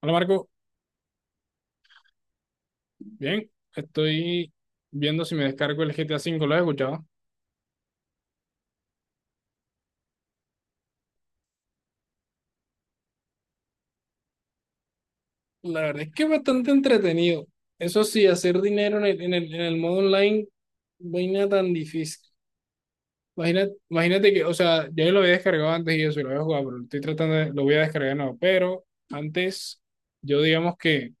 Hola Marco, bien, estoy viendo si me descargo el GTA V, ¿lo has escuchado? La verdad es que es bastante entretenido. Eso sí, hacer dinero en el modo online, vaina tan difícil. Imagínate que, o sea, yo lo había descargado antes y eso, y lo había jugado, pero lo estoy tratando de, lo voy a descargar no, pero antes yo digamos que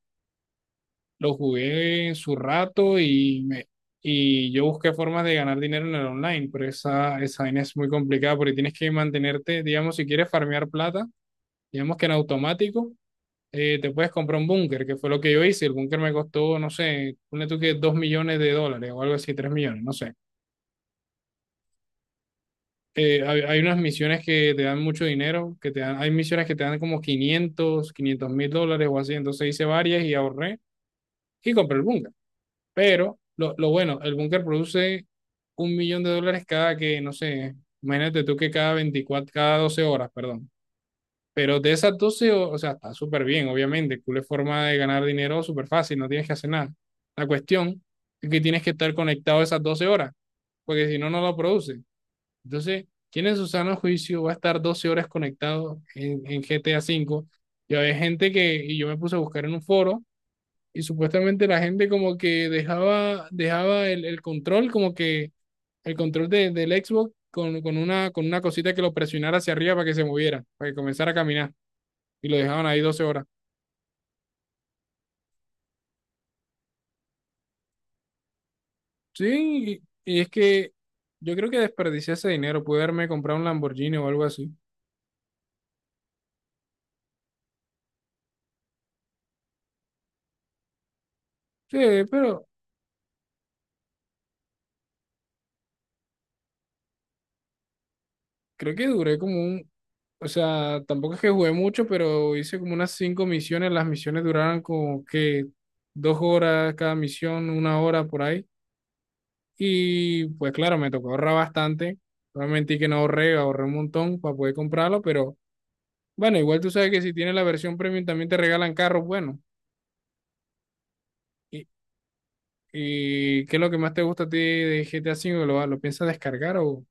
lo jugué en su rato y me, y yo busqué formas de ganar dinero en el online, pero esa vaina es muy complicada porque tienes que mantenerte, digamos, si quieres farmear plata. Digamos que en automático, te puedes comprar un búnker, que fue lo que yo hice. El búnker me costó, no sé, ponle tú que $2 millones o algo así, 3 millones, no sé. Hay unas misiones que te dan mucho dinero, que te dan, hay misiones que te dan como quinientos mil dólares o así. Entonces hice varias y ahorré y compré el búnker. Pero lo bueno, el búnker produce $1 millón cada que, no sé, imagínate tú que cada 24, cada 12 horas, perdón. Pero de esas doce, o sea, está súper bien, obviamente. Cool es forma de ganar dinero súper fácil, no tienes que hacer nada. La cuestión es que tienes que estar conectado esas 12 horas, porque si no, no lo produce. Entonces, ¿quién en su sano juicio va a estar 12 horas conectado en GTA V? Y había gente que, y yo me puse a buscar en un foro, y supuestamente la gente como que dejaba el control, como que el control de, del Xbox con una cosita que lo presionara hacia arriba para que se moviera, para que comenzara a caminar y lo dejaban ahí 12 horas. Sí, y es que yo creo que desperdicié ese dinero, pude haberme comprado un Lamborghini o algo así. Sí, pero creo que duré como un, o sea, tampoco es que jugué mucho, pero hice como unas cinco misiones, las misiones duraron como que 2 horas cada misión, una hora por ahí. Y pues claro, me tocó ahorrar bastante. Obviamente que no ahorré, ahorré un montón para poder comprarlo, pero bueno, igual tú sabes que si tienes la versión premium también te regalan carros, bueno. Y, ¿Y qué es lo que más te gusta a ti de GTA 5? ¿Lo piensas descargar o...?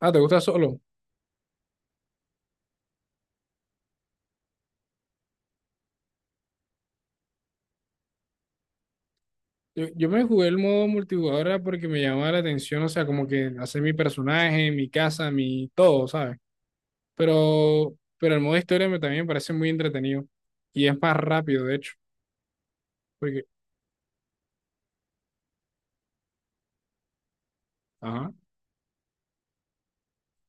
Ah, ¿te gusta solo? Yo me jugué el modo multijugador era porque me llamaba la atención, o sea, como que hacer mi personaje, mi casa, mi todo, ¿sabes? Pero el modo historia me, también me parece muy entretenido. Y es más rápido, de hecho, porque... Ajá.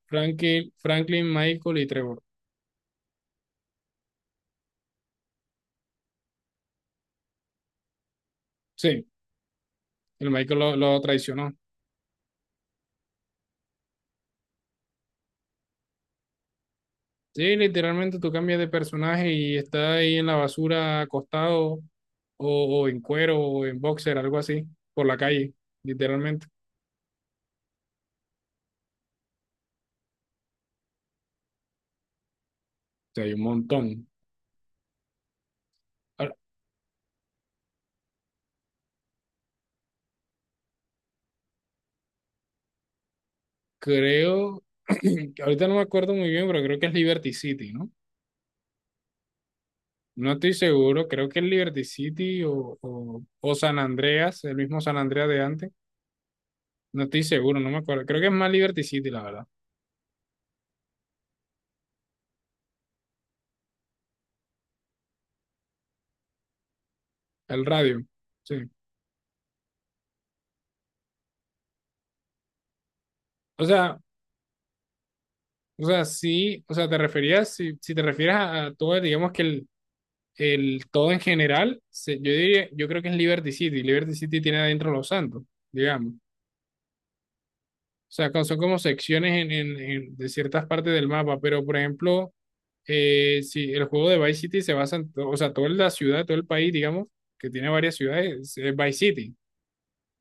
Franklin, Franklin, Michael y Trevor. Sí, el Michael lo traicionó. Sí, literalmente tú cambias de personaje y está ahí en la basura acostado o en cuero o en boxer, algo así, por la calle, literalmente. O sea, hay un montón. Ahora, creo, ahorita no me acuerdo muy bien, pero creo que es Liberty City, ¿no? No estoy seguro, creo que es Liberty City o San Andreas, el mismo San Andreas de antes. No estoy seguro, no me acuerdo. Creo que es más Liberty City, la verdad. El radio, sí. O sea, o sea, sí, o sea, te referías, si te refieres a todo, digamos que el todo en general, yo diría, yo creo que es Liberty City. Liberty City tiene adentro Los Santos, digamos. O sea, son como secciones en, de ciertas partes del mapa, pero por ejemplo, si el juego de Vice City se basa en, o sea, toda la ciudad, todo el país, digamos, que tiene varias ciudades, es Vice City.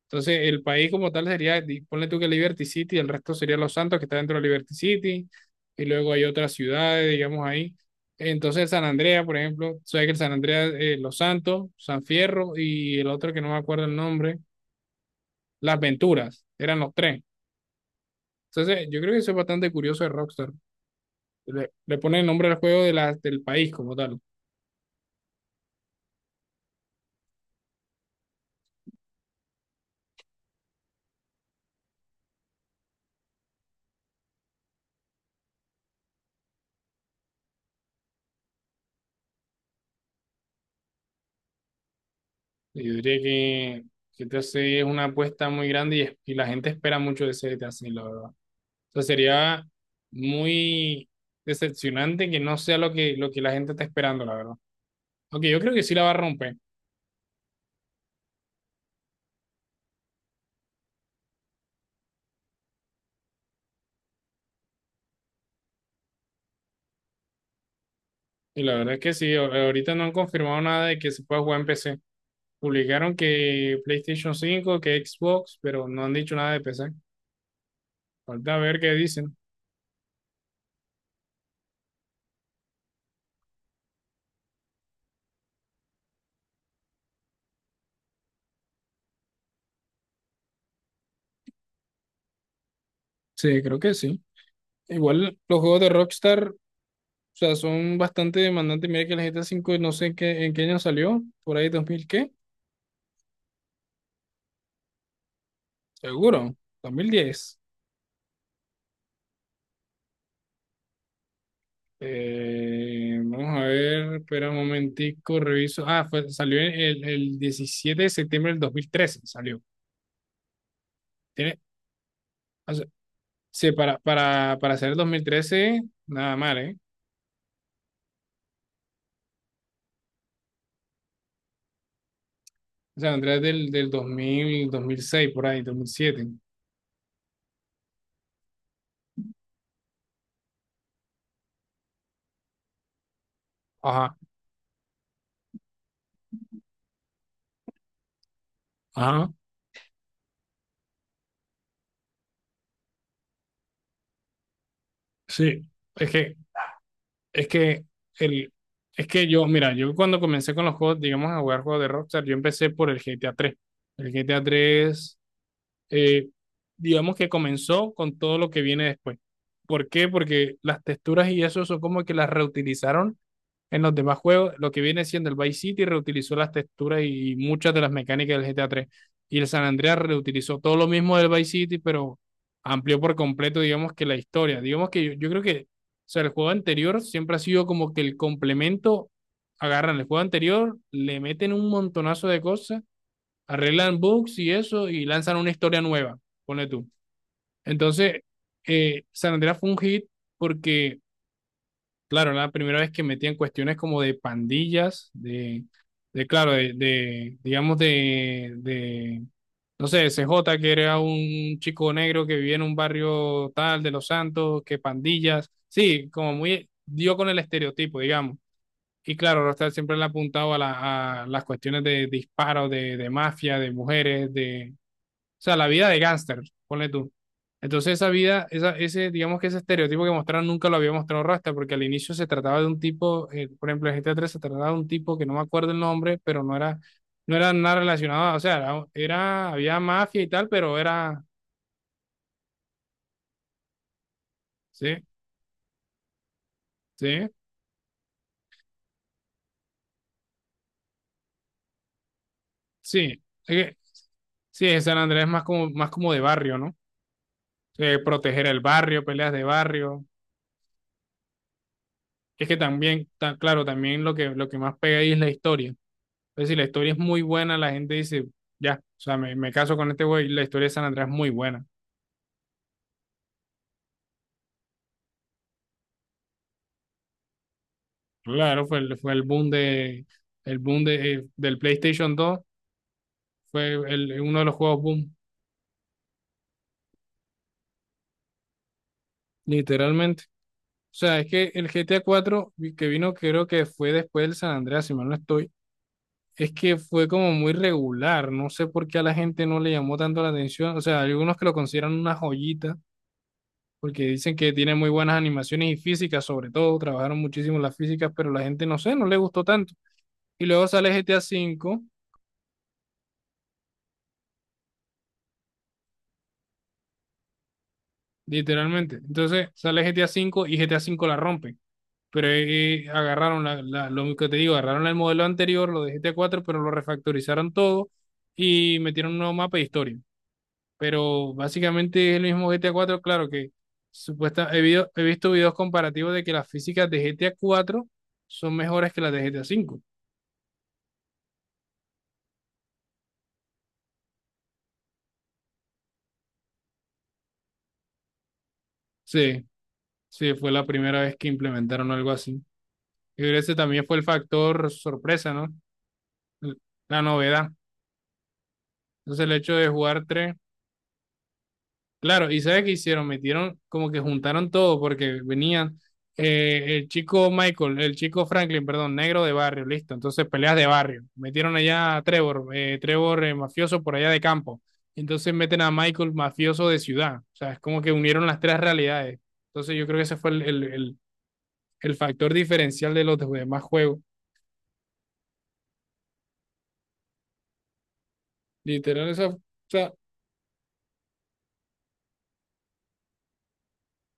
Entonces, el país como tal sería, ponle tú que Liberty City, el resto sería Los Santos, que está dentro de Liberty City, y luego hay otras ciudades, digamos ahí. Entonces, San Andrea, por ejemplo, sabes que el San Andrea, Los Santos, San Fierro y el otro que no me acuerdo el nombre, Las Venturas, eran los tres. Entonces, yo creo que eso es bastante curioso de Rockstar. Le pone el nombre al juego de la, del país como tal. Y yo diría que, GTA 6 es una apuesta muy grande y, y la gente espera mucho de ese GTA 6, sea, sería muy decepcionante que no sea lo que, la gente está esperando, la verdad. Aunque yo creo que sí la va a romper. Y la verdad es que sí, ahorita no han confirmado nada de que se pueda jugar en PC. Publicaron que PlayStation 5, que Xbox, pero no han dicho nada de PC. Falta ver qué dicen. Sí, creo que sí. Igual los juegos de Rockstar, o sea, son bastante demandantes. Mira que el GTA 5 no sé en qué, año salió, por ahí 2000 ¿qué? Seguro, 2010. Vamos a ver, espera un momentico, reviso. Ah, salió el, 17 de septiembre del 2013, salió. Tiene, o sea, sí, para hacer el 2013, nada mal, ¿eh? O sea, Andrés del, dos, dos mil, 2006 por ahí, 2007. Ajá, ajá, sí. Es que, es que, el, es que yo, mira, yo cuando comencé con los juegos, digamos, a jugar juegos de Rockstar, yo empecé por el GTA 3. El GTA 3, eh, digamos que comenzó con todo lo que viene después. ¿Por qué? Porque las texturas y eso son como que las reutilizaron en los demás juegos. Lo que viene siendo el Vice City reutilizó las texturas y muchas de las mecánicas del GTA 3. Y el San Andreas reutilizó todo lo mismo del Vice City, pero amplió por completo, digamos que la historia. Digamos que yo creo que, o sea, el juego anterior siempre ha sido como que el complemento, agarran el juego anterior, le meten un montonazo de cosas, arreglan bugs y eso y lanzan una historia nueva, ponle tú. Entonces, San Andreas fue un hit porque, claro, era la primera vez que metían cuestiones como de pandillas, de, claro, de, digamos, de, no sé, C J que era un chico negro que vivía en un barrio tal de Los Santos, que pandillas, sí, como muy, dio con el estereotipo, digamos. Y claro, Rostar siempre le ha apuntado a, la, a las cuestiones de disparos, de, mafia, de mujeres, de, o sea, la vida de gángster, ponle tú. Entonces esa vida, esa, ese, digamos que ese estereotipo que mostraron nunca lo había mostrado Rasta, porque al inicio se trataba de un tipo, por ejemplo, en GTA 3 se trataba de un tipo que no me acuerdo el nombre, pero no era, nada relacionado, o sea, era, había mafia y tal, pero era, sí, sí, sí. Que- Sí, en San Andrés es más como de barrio, ¿no? Proteger el barrio, peleas de barrio. Es que también, claro, también lo que, más pega ahí es la historia. Entonces, si la historia es muy buena, la gente dice, ya, o sea, me caso con este güey, la historia de San Andreas es muy buena. Claro, fue el boom de, del PlayStation 2, fue el, uno de los juegos boom, literalmente. O sea, es que el GTA 4 que vino, creo que fue después del San Andreas, si mal no estoy, es que fue como muy regular, no sé por qué a la gente no le llamó tanto la atención, o sea, hay algunos que lo consideran una joyita porque dicen que tiene muy buenas animaciones y físicas, sobre todo, trabajaron muchísimo las físicas, pero la gente no sé, no le gustó tanto. Y luego sale GTA V, literalmente. Entonces sale GTA V y GTA V la rompen. Pero agarraron la, lo que te digo, agarraron el modelo anterior, lo de GTA 4, pero lo refactorizaron todo y metieron un nuevo mapa de historia. Pero básicamente es el mismo GTA 4, claro que he visto videos comparativos de que las físicas de GTA 4 son mejores que las de GTA 5. Sí, sí, fue la primera vez que implementaron algo así. Y ese también fue el factor sorpresa, ¿no? L- La novedad. Entonces el hecho de jugar tres. Claro, ¿y sabes qué hicieron? Metieron, como que juntaron todo, porque venían, el chico Michael, el chico Franklin, perdón, negro de barrio, listo. Entonces peleas de barrio. Metieron allá a Trevor, Trevor, mafioso por allá de campo. Entonces meten a Michael, mafioso de ciudad. O sea, es como que unieron las tres realidades. Entonces yo creo que ese fue el, el factor diferencial de los demás juegos. Literal, esa, o sea,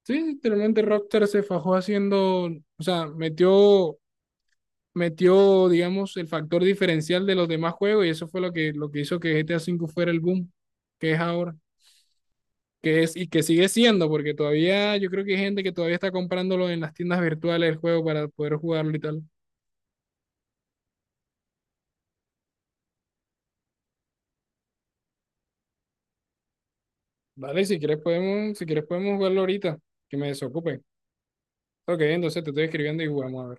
sí, literalmente Rockstar se fajó haciendo, o sea, metió, metió, digamos, el factor diferencial de los demás juegos y eso fue lo que, hizo que GTA V fuera el boom que es ahora, que es y que sigue siendo, porque todavía yo creo que hay gente que todavía está comprándolo en las tiendas virtuales el juego para poder jugarlo y tal. Vale, si quieres podemos, jugarlo ahorita, que me desocupe. Ok, entonces te estoy escribiendo y jugamos a ver.